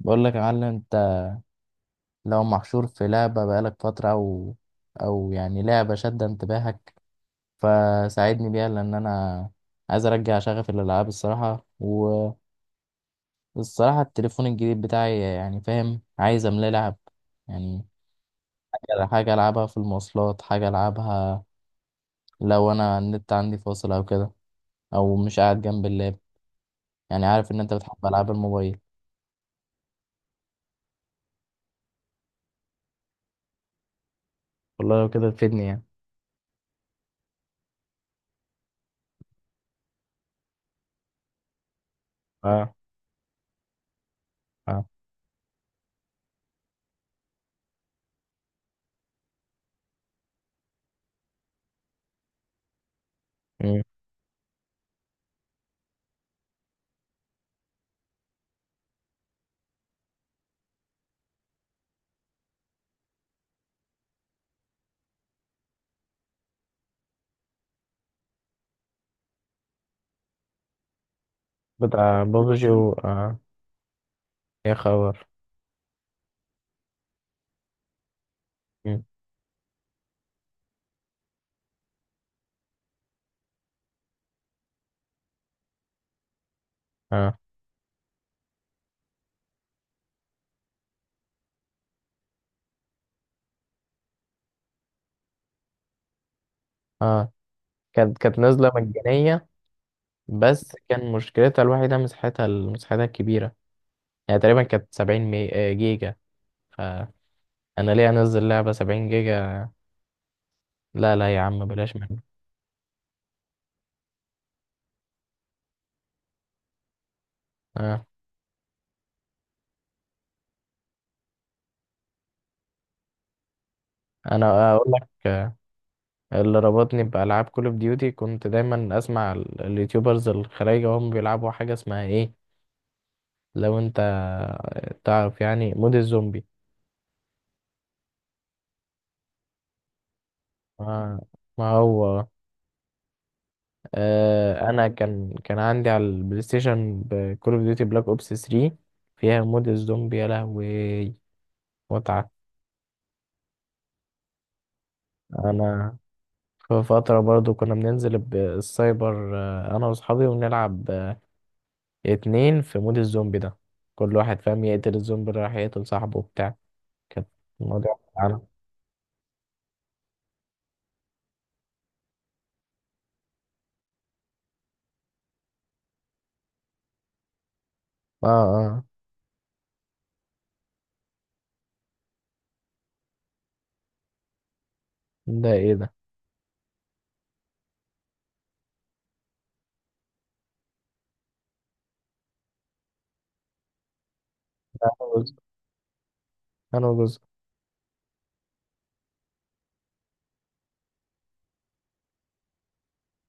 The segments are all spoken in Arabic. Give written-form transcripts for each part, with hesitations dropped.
بقول لك يا معلم انت، لو محشور في لعبة بقالك فترة او يعني لعبة شادة انتباهك، فساعدني بيها لان انا عايز ارجع شغف الالعاب الصراحة. والصراحة التليفون الجديد بتاعي يعني فاهم، عايز املاه لعب يعني. حاجة العبها في المواصلات، حاجة العبها لو انا النت عندي فاصل او كده، او مش قاعد جنب اللاب. يعني عارف ان انت بتحب العاب الموبايل، والله لو كده تفيدني يعني. اه. اه. مم. بتاع بابجي و اه. يا خبر. اه. اه. كانت نازلة مجانية، بس كان مشكلتها الوحيدة مساحتها الكبيرة. يعني تقريبا كانت سبعين مي... آه، جيجا. فأنا ليه أنزل لعبة سبعين جيجا؟ لا لا يا عم، بلاش منه. آه. أنا أقول لك، اللي ربطني بألعاب كول أوف ديوتي، كنت دايما أسمع اليوتيوبرز الخلايجة وهم بيلعبوا حاجة اسمها إيه؟ لو أنت تعرف يعني مود الزومبي. آه. ما هو انا كان عندي على البلاي ستيشن كول اوف ديوتي بلاك اوبس 3، فيها مود الزومبي. يا لهوي متعه! انا في فتره برضو كنا بننزل السايبر، انا واصحابي ونلعب اتنين في مود الزومبي ده. كل واحد فاهم يقتل الزومبي اللي راح يقتل صاحبه وبتاع. كانت الموضوع انا. اه. اه. ده ايه ده؟ ده انا جزء انا جزء.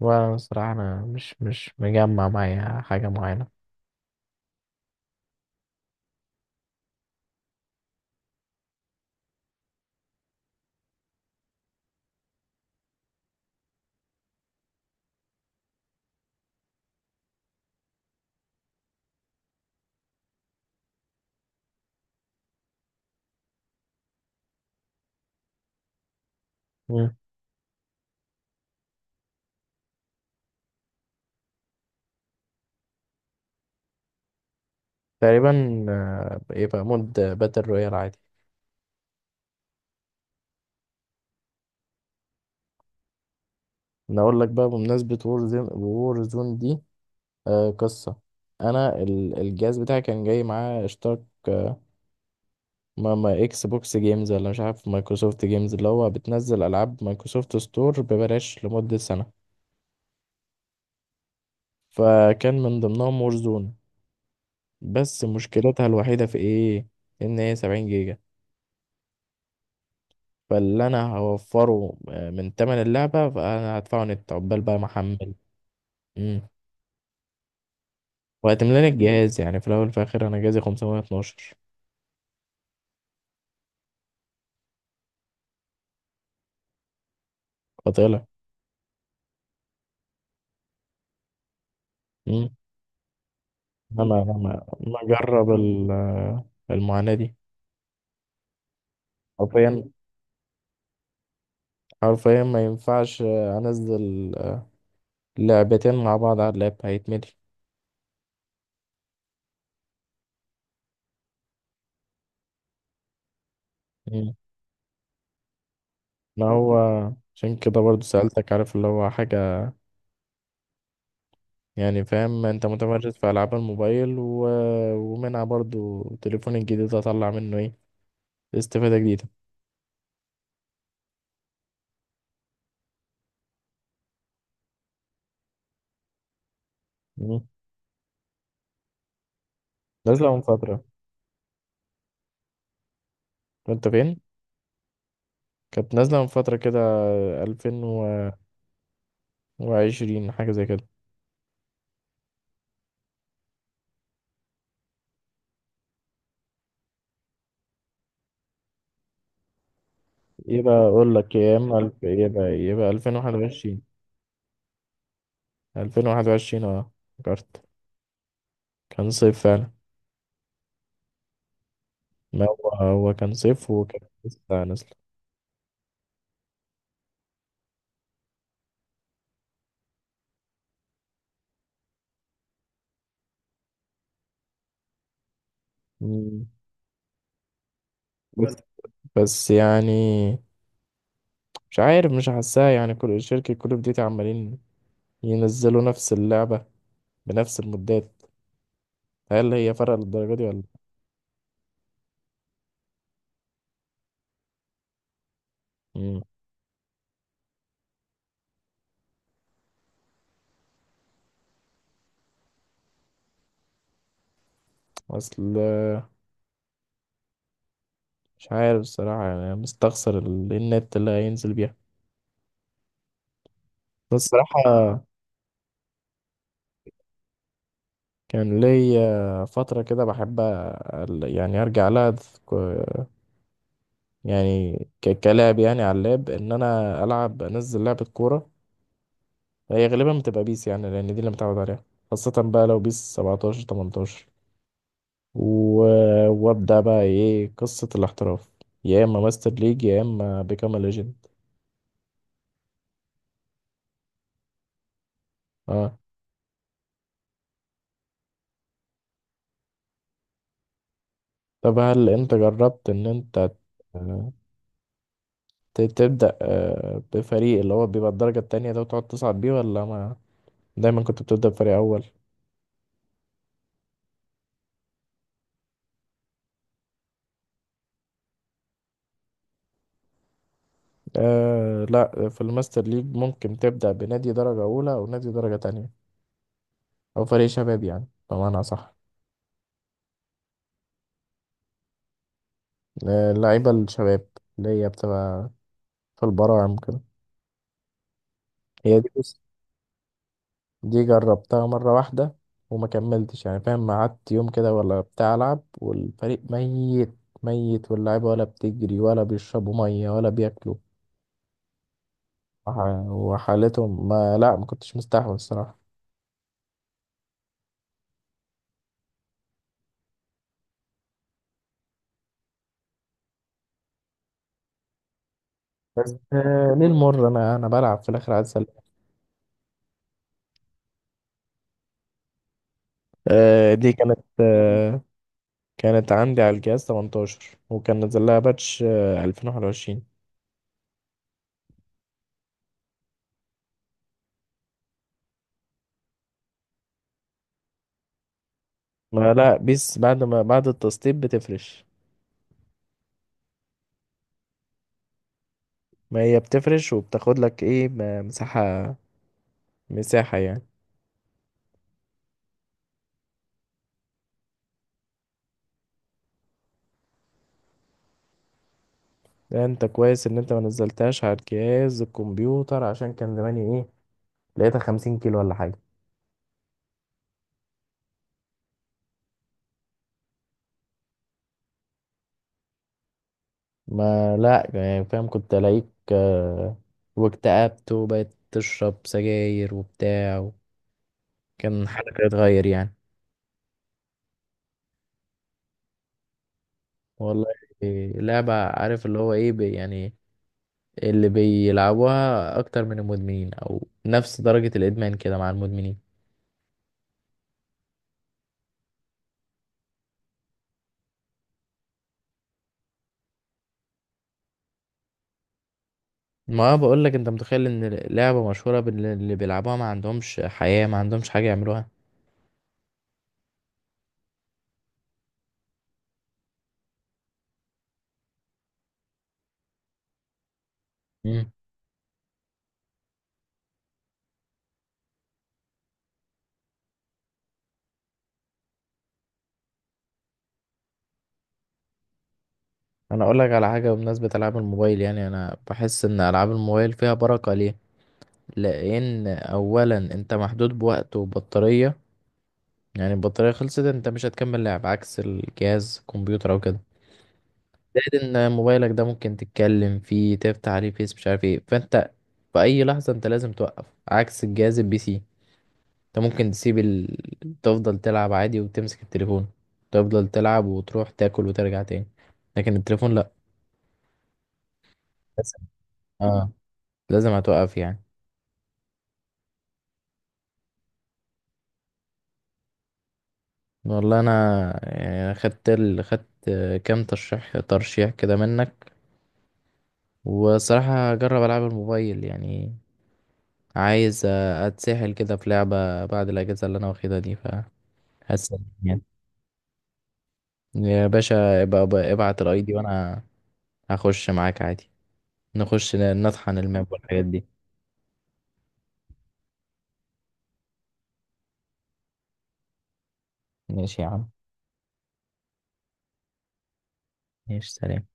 وانا الصراحه انا مش مجمع معايا حاجه معينه. تقريبا، آه، يبقى مود باتل رويال عادي. انا اقول لك بقى، بمناسبة وور زون، وور زون دي آه قصة. انا الجهاز بتاعي كان جاي معاه اشتراك، آه، ما اكس بوكس جيمز ولا مش عارف مايكروسوفت جيمز، اللي هو بتنزل العاب مايكروسوفت ستور ببلاش لمدة سنة. فكان من ضمنهم وور زون. بس مشكلتها الوحيدة في ايه؟ ان هي 70 جيجا. فاللي انا هوفره من تمن اللعبة، فانا هدفعه نت عقبال بقى محمل. وهتملاني الجهاز. يعني في الاول وفي الاخر انا جهازي 512، فطلع. مم. انا ما اجرب المعاناة دي. حرفيا، حرفيا ما ينفعش انزل لعبتين مع بعض على اللاب، هيتملي. مم. ما هو عشان كده برضو سألتك، عارف اللي هو حاجة يعني، فاهم انت متمرس في ألعاب الموبايل و... ومنها برضو تليفون الجديد هطلع منه ايه، استفادة جديدة. مم. نازلة من فترة. انت فين؟ كانت نازلة من فترة كده، 2000 وعشرين حاجة زي كده. يبقى أقول لك يا إما ألف، يبقى ألفين وواحد وعشرين. ألفين وواحد وعشرين، أه. فكرت، كان صيف فعلا. ما هو هو كان صيف وكان لسه نازل. مم. بس بس يعني مش عارف، مش حاساها. يعني كل شركة كول أوف ديوتي عمالين ينزلوا نفس اللعبة بنفس المدات. هل هي فرق للدرجة دي ولا؟ مم. أصل مش عارف الصراحة، يعني مستخسر النت اللي هينزل بيها، بس الصراحة كان ليا فترة كده بحب يعني أرجع لها. ك- يعني كلاعب يعني على اللاب، إن أنا ألعب أنزل لعبة كورة. هي غالبا بتبقى بيس، يعني لأن دي اللي متعود عليها. خاصة بقى لو بيس 17، 18، و... وأبدأ بقى إيه، قصة الاحتراف، يا إما ماستر ليج يا إما بيكام ليجند. أه. طب هل أنت جربت إن أنت تبدأ بفريق اللي هو بيبقى الدرجة التانية ده وتقعد تصعد بيه، ولا ما دايما كنت بتبدأ بفريق أول؟ آه لا، في الماستر ليج ممكن تبدأ بنادي درجة أولى أو نادي درجة تانية أو فريق شباب، يعني بمعنى صح. اللعيبة الشباب اللي هي بتبقى في البراعم كده. هي دي، بص. دي جربتها مرة واحدة وما كملتش، يعني فاهم، قعدت يوم كده ولا بتاع ألعب والفريق ميت ميت، واللعيبة ولا بتجري ولا بيشربوا مية ولا بياكلوا، وحالتهم ما لا، ما كنتش مستحمل الصراحة. بس، آه، ليه المر؟ أنا بلعب في الآخر عايز أسلم. دي كانت، كانت عندي على الجهاز 18، وكان نزل لها باتش، آه، 2021. ما لا، بيس بعد التسطيب بتفرش. ما هي بتفرش وبتاخد لك ايه، مساحة، مساحة يعني. ده انت كويس ان انت ما نزلتهاش على الجهاز الكمبيوتر، عشان كان زماني ايه، لقيتها 50 كيلو ولا حاجة. ما لا يعني فاهم، كنت الاقيك، آه، واكتئبت وبقيت تشرب سجاير وبتاع. كان حالك هتتغير يعني. والله. إيه، لعبة عارف اللي هو ايه، يعني اللي بيلعبوها اكتر من المدمنين، او نفس درجة الادمان كده مع المدمنين. ما بقول لك، انت متخيل ان لعبة مشهورة اللي بيلعبوها ما عندهمش حياة، ما عندهمش حاجة يعملوها. مم. انا اقول لك على حاجة، بمناسبة العاب الموبايل يعني، انا بحس ان العاب الموبايل فيها بركة. ليه؟ لان اولا انت محدود بوقت وبطارية. يعني البطارية خلصت، انت مش هتكمل لعب، عكس الجهاز كمبيوتر او كده. زائد ان موبايلك ده ممكن تتكلم فيه، تفتح عليه فيس، مش عارف ايه، فانت في اي لحظه انت لازم توقف، عكس الجهاز البي سي، انت ممكن تسيب تفضل تلعب عادي وتمسك التليفون، تفضل تلعب وتروح تاكل وترجع تاني. لكن التليفون لا، لازم. اه، لازم هتوقف يعني. والله انا يعني خدت خدت كام ترشيح كده منك، وصراحه هجرب العب الموبايل يعني. عايز اتسحل كده في لعبه بعد الاجازه اللي انا واخدها دي. هسأل يعني. يا باشا، ابعت الاي دي وانا هخش معاك عادي. نخش نطحن الماب والحاجات دي. ماشي يا عم. ماشي سلام.